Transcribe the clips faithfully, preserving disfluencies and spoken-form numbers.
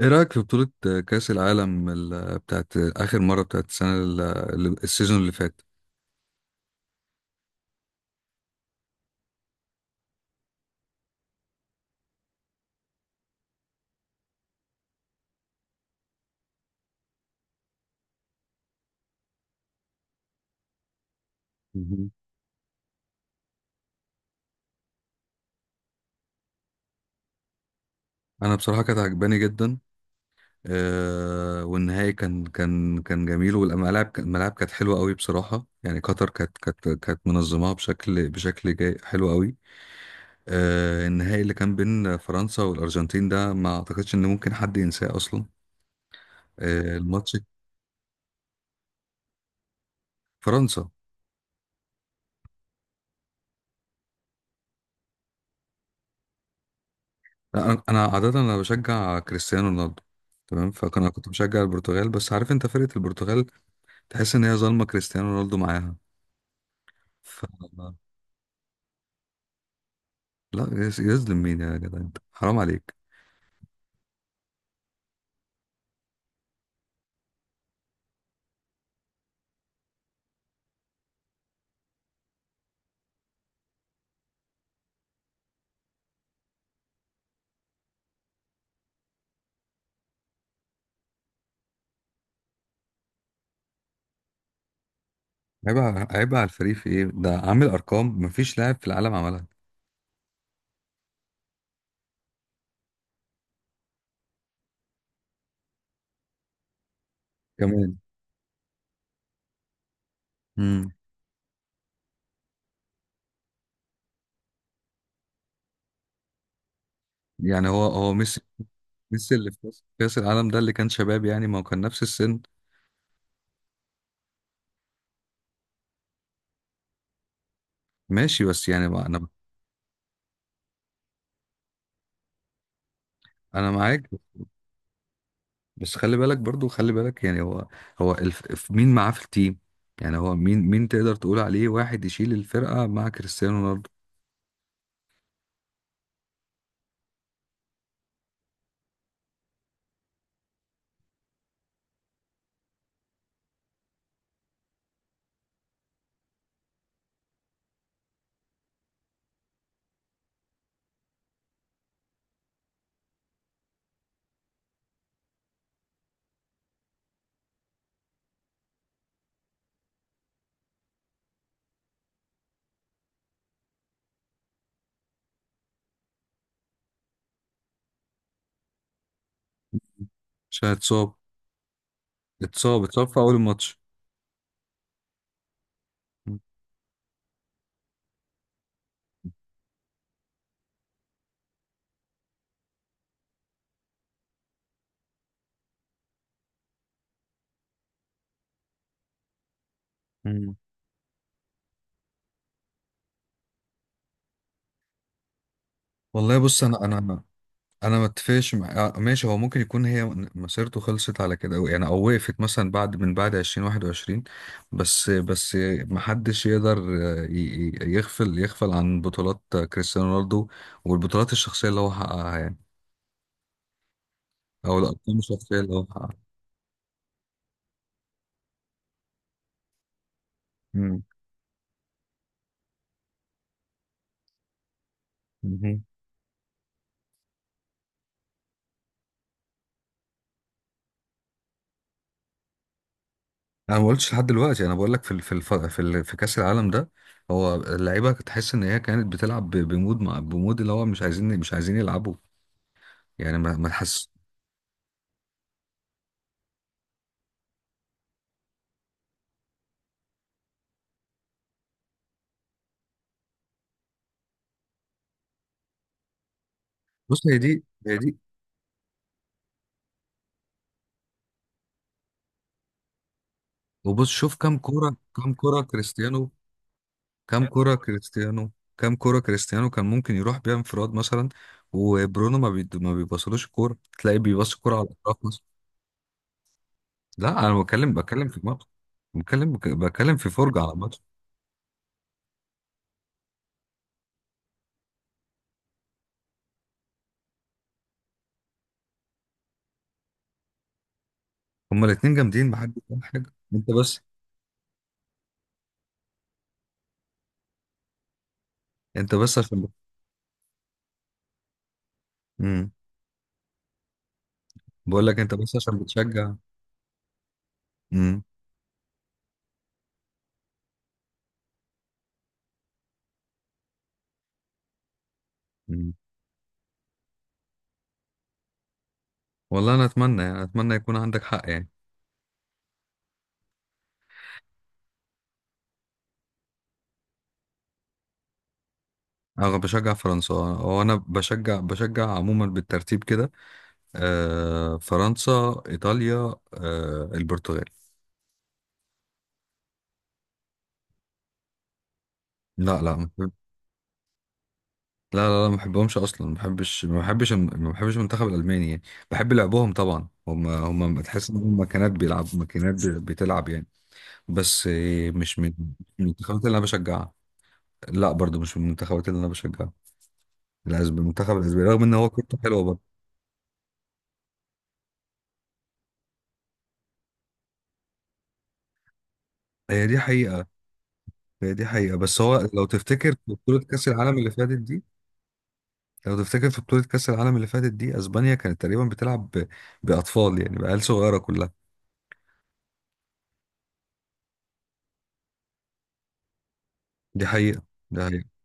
ايه رأيك في بطولة كأس العالم ال- بتاعت آخر مرة بتاعت السنة ال- ال- السيزون اللي فات. مهم. انا بصراحة كانت عجباني جدا. آه والنهائي كان كان كان جميل والملاعب كان- الملاعب كانت حلوة قوي بصراحة، يعني قطر كانت كانت كانت منظماها بشكل بشكل جاي حلو قوي. آه النهائي اللي كان بين فرنسا والأرجنتين ده ما اعتقدش ان ممكن حد ينساه اصلا. آه الماتش فرنسا. لا، انا أنا عاده انا بشجع كريستيانو رونالدو، تمام، فانا كنت بشجع البرتغال، بس عارف انت فرقه البرتغال تحس ان هي ظالمه كريستيانو رونالدو معاها. ف لا يز- يظلم مين يا جدع، انت حرام عليك. عيب ع- عيب على الفريق في ايه؟ ده عامل ارقام مفيش لاعب في العالم عملها. كمان. امم يعني هو هو ميسي، ميسي اللي في كاس كأس العالم ده اللي كان شباب، يعني ما هو كان نفس السن. ماشي بس يعني ما- انا، انا معاك، بس خلي بالك برضو، خلي بالك يعني هو، هو الف... الف- مين معاه في التيم؟ يعني هو مين مين تقدر تقول عليه واحد يشيل الفرقة مع كريستيانو رونالدو؟ عشان اتصاب، اتصاب اتصاب في أول الماتش. مم. والله بص، انا انا انا أنا ما اتفقش مع... آه، ماشي، هو ممكن يكون هي مسيرته خلصت على كده، أو يعني او وقفت مثلا بعد من بعد ألفين وواحد وعشرين، بس بس ما حدش يقدر، آه، ي- ي- يغفل يغفل عن بطولات كريستيانو رونالدو والبطولات الشخصيه اللي هو حققها، يعني او الارقام الشخصيه اللي هو حققها. مم. مهم. انا ما قلتش لحد دلوقتي، انا بقول لك في ال- في الف... في ال... في كاس العالم ده هو اللعيبه تحس ان هي كانت بتلعب ب- بمود مع... بمود اللي هو مش عايزين، مش عايزين يلعبوا، يعني ما ما تحس. بص، هي دي هي دي وبص شوف كام كوره، كام كوره كريستيانو، كام كوره كريستيانو كام كوره كريستيانو كان ممكن يروح بيها انفراد مثلا؟ وبرونو ما بي... ما بيبصلوش الكوره، تلاقي بيبص الكوره على الاطراف مثلا. لا انا بتكلم بتكلم في الماتش، بتكلم بتكلم في فرجه على ماتش. هما الاتنين جامدين بحد كل حاجة، انت بس، انت بس عشان بت... امم، بقول لك انت بس عشان بتشجع. امم. امم. والله انا اتمنى، يعني اتمنى يكون عندك حق يعني. انا بشجع فرنسا، هو انا بشجع، بشجع عموما بالترتيب كده: آه فرنسا، ايطاليا، آه البرتغال. لا لا ما بحب- لا لا لا، ما بحبهمش اصلا، ما بحبش، ما بحبش الم- ما بحبش المنتخب الالماني يعني. بحب لعبهم طبعا، هم هم تحس ان هم ماكينات، بيلعب ماكينات، بتلعب يعني. بس إيه، مش من من المنتخبات اللي انا بشجعها. لا برضو مش من المنتخبات اللي انا بشجعها. الأسب- المنتخب الاسباني رغم ان هو كورته حلوه برضه. هي دي حقيقه. هي دي حقيقه، بس هو لو تفتكر في بطوله كاس العالم اللي فاتت دي، لو تفتكر في بطوله كاس العالم اللي فاتت دي، اسبانيا كانت تقريبا بتلعب ب... باطفال، يعني بعيال صغيره كلها. دي حقيقه. دي حقيقه.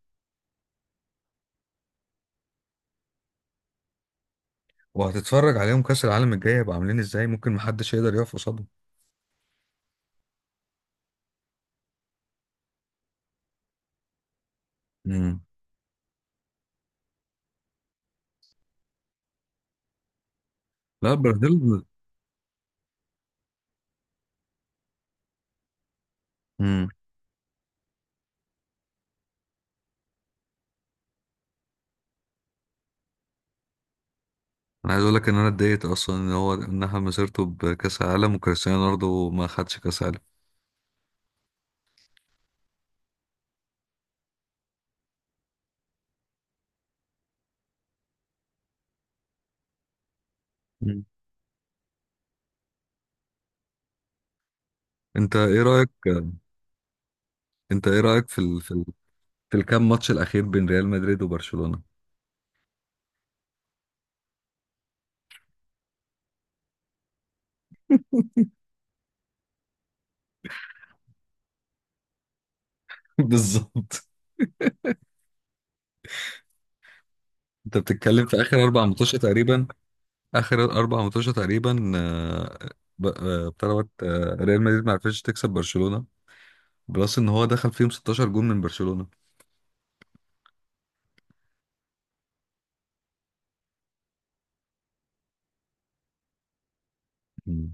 وهتتفرج عليهم كاس العالم الجاي هيبقى عاملين ازاي؟ ممكن محدش يقدر يقف قصادهم. امم. لا البرازيل. امم. انا عايز اقول لك ان انا اتضايقت اصلا ان هو انها مسيرته بكاس عالم وكريستيانو رونالدو ما خدش كاس عالم. مم. انت ايه رايك، انت ايه رايك في ال... في, ال... في الكام ماتش الاخير بين ريال مدريد وبرشلونه؟ بالظبط. انت بتتكلم في اخر اربع ماتشات تقريبا، اخر اربع ماتشات تقريبا، آه، ب- آه، بتاع دوت، آه، ريال مدريد ما عرفتش تكسب برشلونه، بلس ان هو دخل فيهم 16 جون من برشلونه. مم.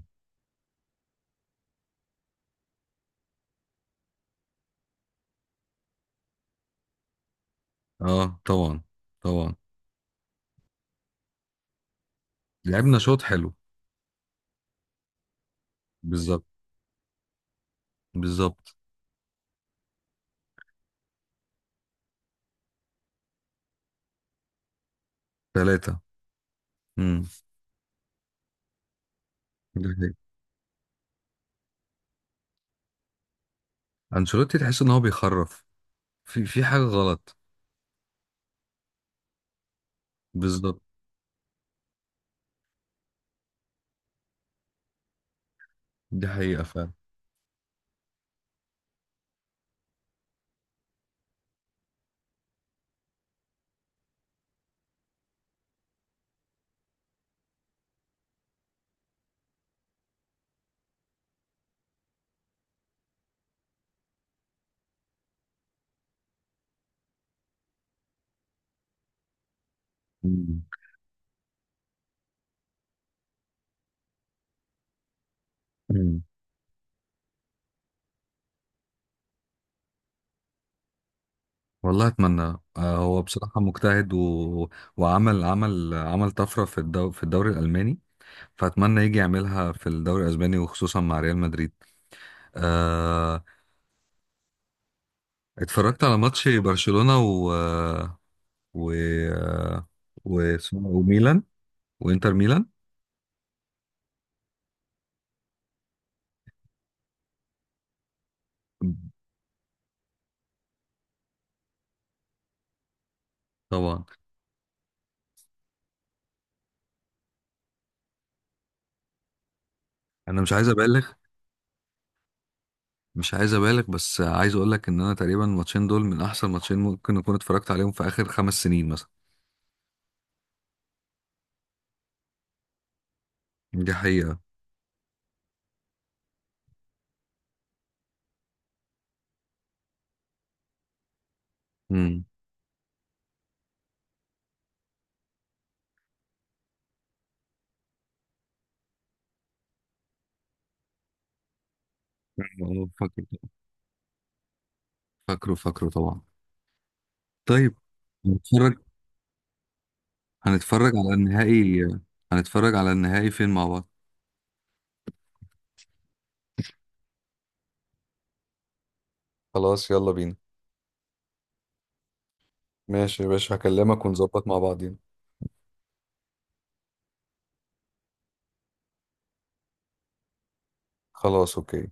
اه طبعا، طبعا. لعبنا شوط حلو. بالظبط. بالظبط. ثلاثة. امم. انشيلوتي تحس ان هو بيخرف، في في حاجه غلط. بالظبط. دي حقيقه فعلا. مم. مم. والله اتمنى. آه، هو بصراحه مجتهد، و... وعمل عمل عمل طفره في الدو... في الدوري الالماني، فاتمنى يجي يعملها في الدوري الاسباني وخصوصا مع ريال مدريد. آه. اتفرجت على ماتش برشلونه و و و... اسمه- إيه، وميلان، وانتر ميلان طبعا. انا مش عايز ابالغ، مش عايز ابالغ، بس عايز اقول لك ان انا تقريبا الماتشين دول من احسن ماتشين ممكن اكون اتفرجت عليهم في اخر خمس سنين مثلا. دي حقيقة. امم. آه، فاكره. فاكره، فاكره طبعا. طيب. هنتفرج، هنتفرج على النهائي. هنتفرج على النهائي فين مع بعض؟ خلاص يلا بينا. ماشي يا باشا، هكلمك ونظبط مع بعضين. خلاص اوكي.